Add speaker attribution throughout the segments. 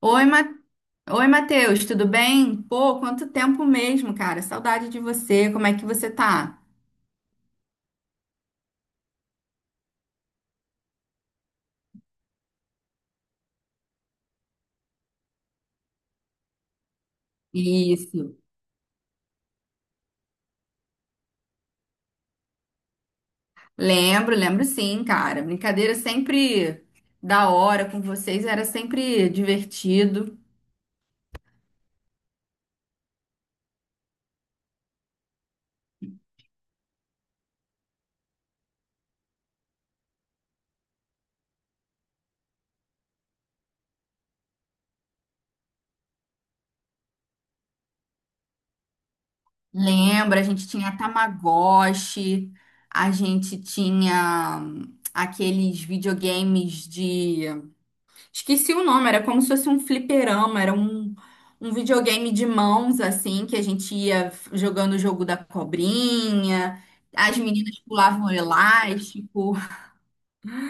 Speaker 1: Oi, Oi, Matheus, tudo bem? Pô, quanto tempo mesmo, cara. Saudade de você. Como é que você tá? Isso. Lembro sim, cara. Brincadeira sempre da hora com vocês, era sempre divertido. Lembra, a gente tinha Tamagotchi, a gente tinha aqueles videogames de... Esqueci o nome, era como se fosse um fliperama, era um videogame de mãos, assim, que a gente ia jogando o jogo da cobrinha, as meninas pulavam elástico,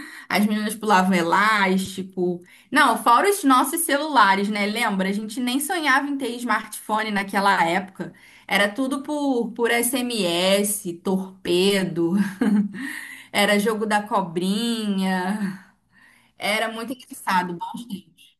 Speaker 1: as meninas pulavam elástico. Não, fora os nossos celulares, né? Lembra? A gente nem sonhava em ter smartphone naquela época. Era tudo por SMS, torpedo, era jogo da cobrinha. Era muito engraçado, bons tempos.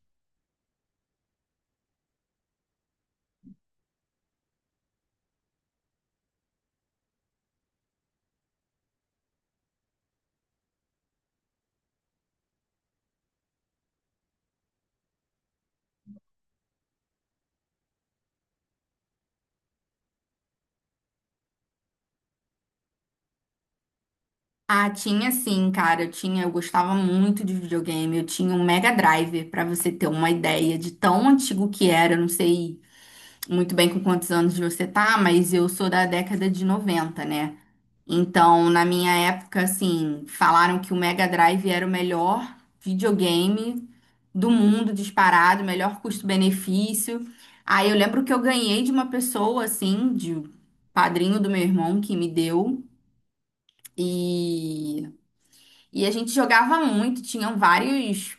Speaker 1: Ah, tinha sim, cara. Eu tinha, eu gostava muito de videogame. Eu tinha um Mega Drive, pra você ter uma ideia de tão antigo que era. Eu não sei muito bem com quantos anos você tá, mas eu sou da década de 90, né? Então, na minha época, assim, falaram que o Mega Drive era o melhor videogame do mundo disparado, melhor custo-benefício. Aí eu lembro que eu ganhei de uma pessoa, assim, de padrinho do meu irmão que me deu. E e a gente jogava muito, tinham vários,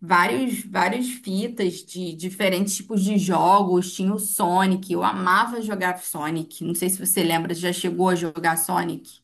Speaker 1: vários, várias fitas de diferentes tipos de jogos. Tinha o Sonic, eu amava jogar Sonic. Não sei se você lembra, já chegou a jogar Sonic?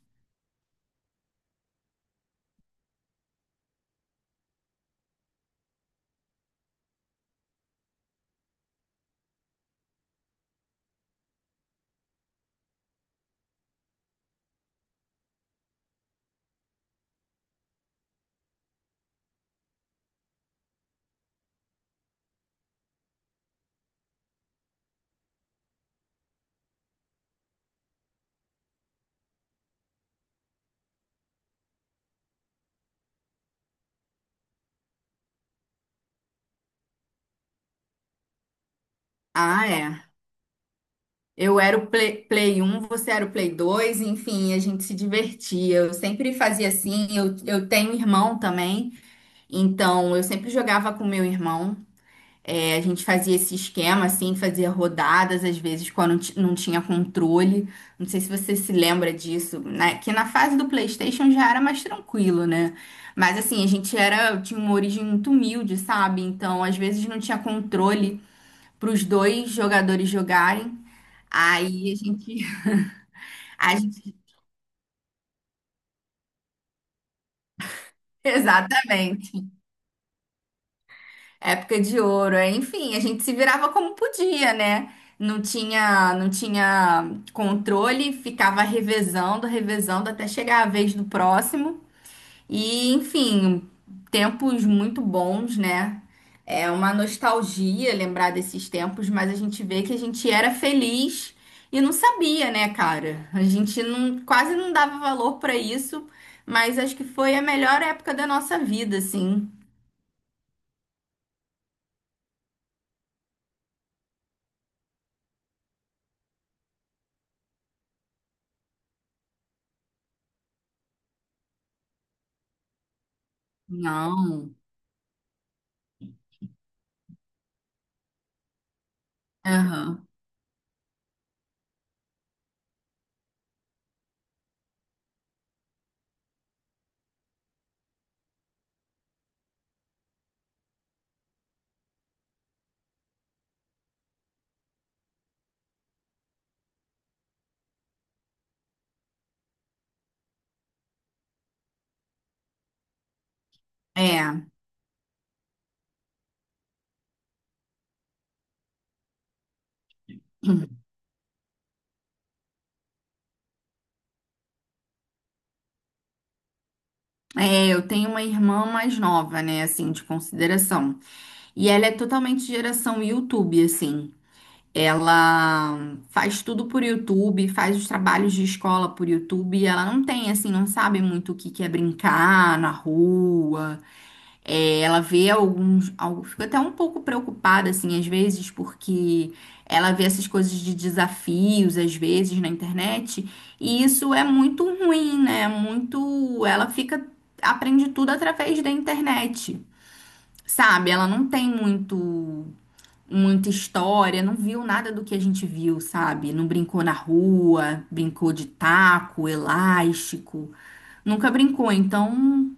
Speaker 1: Ah, é. Eu era o Play, Play um, você era o Play dois, enfim, a gente se divertia. Eu sempre fazia assim, eu tenho irmão também, então eu sempre jogava com meu irmão. É, a gente fazia esse esquema, assim, fazia rodadas, às vezes, quando não tinha controle. Não sei se você se lembra disso, né? Que na fase do PlayStation já era mais tranquilo, né? Mas, assim, a gente era, tinha uma origem muito humilde, sabe? Então, às vezes, não tinha controle para os dois jogadores jogarem. Aí a gente, a gente, exatamente. Época de ouro, é. Enfim, a gente se virava como podia, né? Não tinha controle, ficava revezando, revezando até chegar a vez do próximo. E, enfim, tempos muito bons, né? É uma nostalgia lembrar desses tempos, mas a gente vê que a gente era feliz e não sabia, né, cara? A gente não, quase não dava valor pra isso, mas acho que foi a melhor época da nossa vida, assim. Não. Aham. É, eu tenho uma irmã mais nova, né, assim, de consideração. E ela é totalmente geração YouTube, assim. Ela faz tudo por YouTube, faz os trabalhos de escola por YouTube. Ela não tem, assim, não sabe muito o que que é brincar na rua. É, ela vê alguns, algo, fica até um pouco preocupada, assim, às vezes, porque ela vê essas coisas de desafios, às vezes, na internet, e isso é muito ruim, né? Muito, ela fica, aprende tudo através da internet, sabe? Ela não tem muito, muita história, não viu nada do que a gente viu, sabe? Não brincou na rua, brincou de taco, elástico, nunca brincou, então...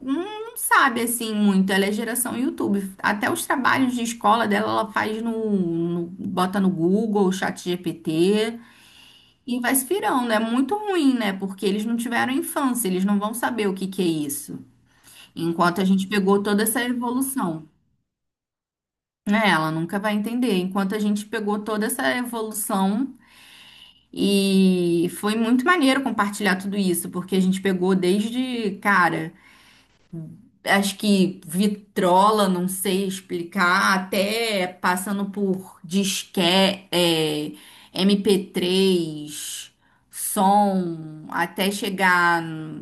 Speaker 1: Não sabe assim muito, ela é geração YouTube. Até os trabalhos de escola dela, ela faz no, bota no Google, chat GPT e vai se virando. É muito ruim, né? Porque eles não tiveram infância, eles não vão saber o que que é isso. Enquanto a gente pegou toda essa evolução. Né, ela nunca vai entender. Enquanto a gente pegou toda essa evolução e foi muito maneiro compartilhar tudo isso, porque a gente pegou desde, cara, acho que vitrola, não sei explicar, até passando por disque, é, MP3, som, até chegar no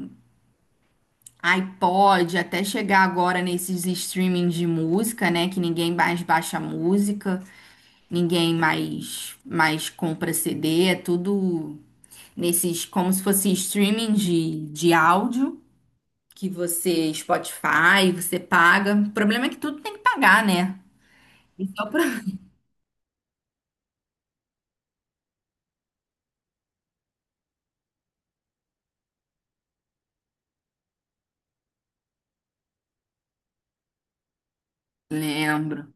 Speaker 1: iPod, até chegar agora nesses streaming de música, né? Que ninguém mais baixa música, ninguém mais compra CD, é tudo nesses, como se fosse streaming de áudio que você, Spotify, você paga. O problema é que tudo tem que pagar, né? Esse é o problema. Lembro,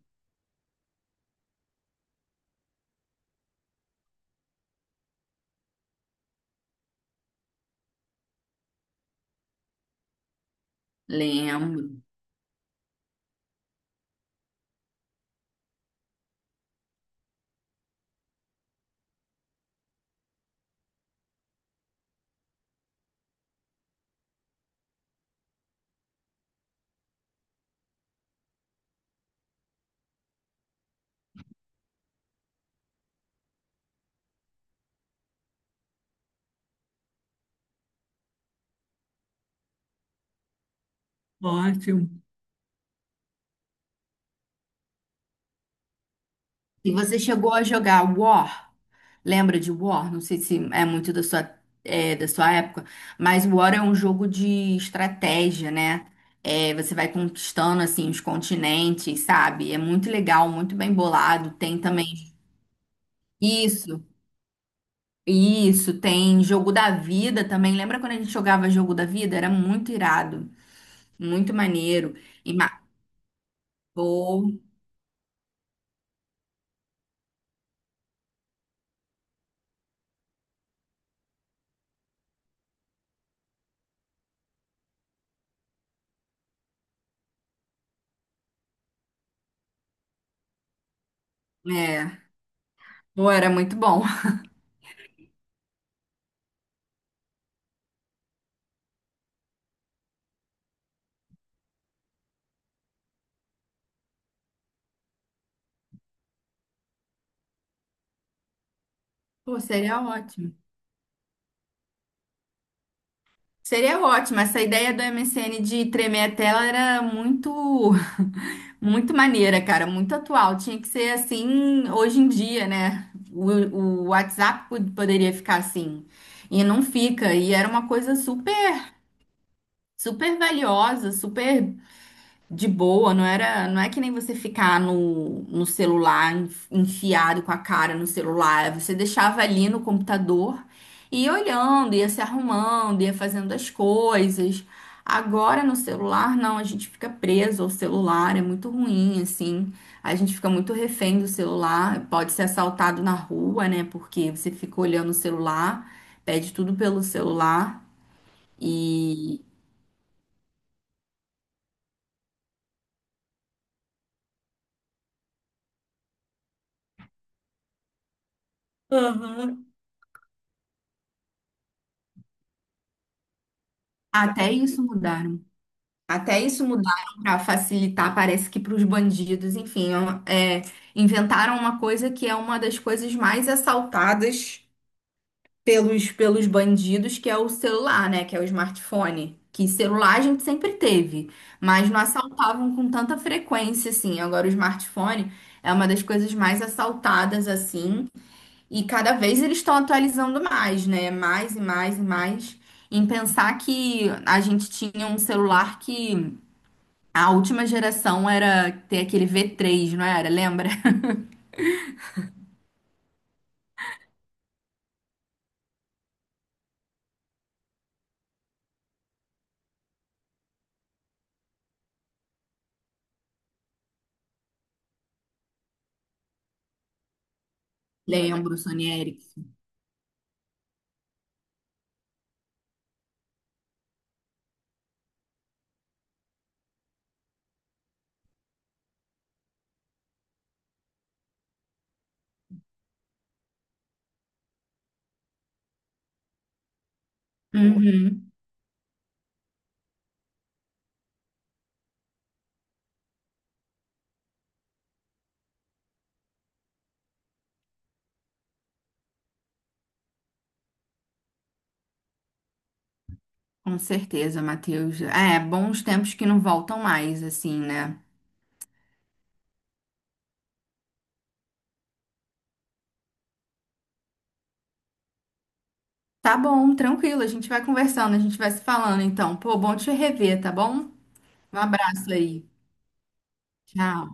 Speaker 1: lembro. Ótimo. E você chegou a jogar War? Lembra de War? Não sei se é muito da sua, é, da sua época, mas War é um jogo de estratégia, né? É, você vai conquistando assim os continentes, sabe? É muito legal, muito bem bolado. Tem também isso, isso. Tem jogo da vida também. Lembra quando a gente jogava jogo da vida? Era muito irado. Muito maneiro. E ma- Pô, é. Pô, era muito bom. Pô, seria ótimo. Seria ótimo. Essa ideia do M S N de tremer a tela era muito, muito maneira, cara. Muito atual. Tinha que ser assim hoje em dia, né? O WhatsApp poderia ficar assim. E não fica. E era uma coisa super, super valiosa, super. De boa, não era, não é que nem você ficar no, no celular, enfiado com a cara no celular, você deixava ali no computador e ia olhando, ia se arrumando, ia fazendo as coisas. Agora no celular, não, a gente fica preso ao celular, é muito ruim, assim. A gente fica muito refém do celular, pode ser assaltado na rua, né? Porque você fica olhando o celular, pede tudo pelo celular e... Aham. Até isso mudar. Até isso mudaram para facilitar, parece que para os bandidos, enfim, é, inventaram uma coisa que é uma das coisas mais assaltadas pelos bandidos, que é o celular, né? Que é o smartphone. Que celular a gente sempre teve, mas não assaltavam com tanta frequência assim. Agora o smartphone é uma das coisas mais assaltadas assim. E cada vez eles estão atualizando mais, né? Mais e mais e mais. Em pensar que a gente tinha um celular que a última geração era ter aquele V3, não era? Lembra? Lembro, Sony Ericsson. Uhum, com certeza, Matheus. É, bons tempos que não voltam mais, assim, né? Tá bom, tranquilo, a gente vai conversando, a gente vai se falando, então. Pô, bom te rever, tá bom? Um abraço aí. Tchau.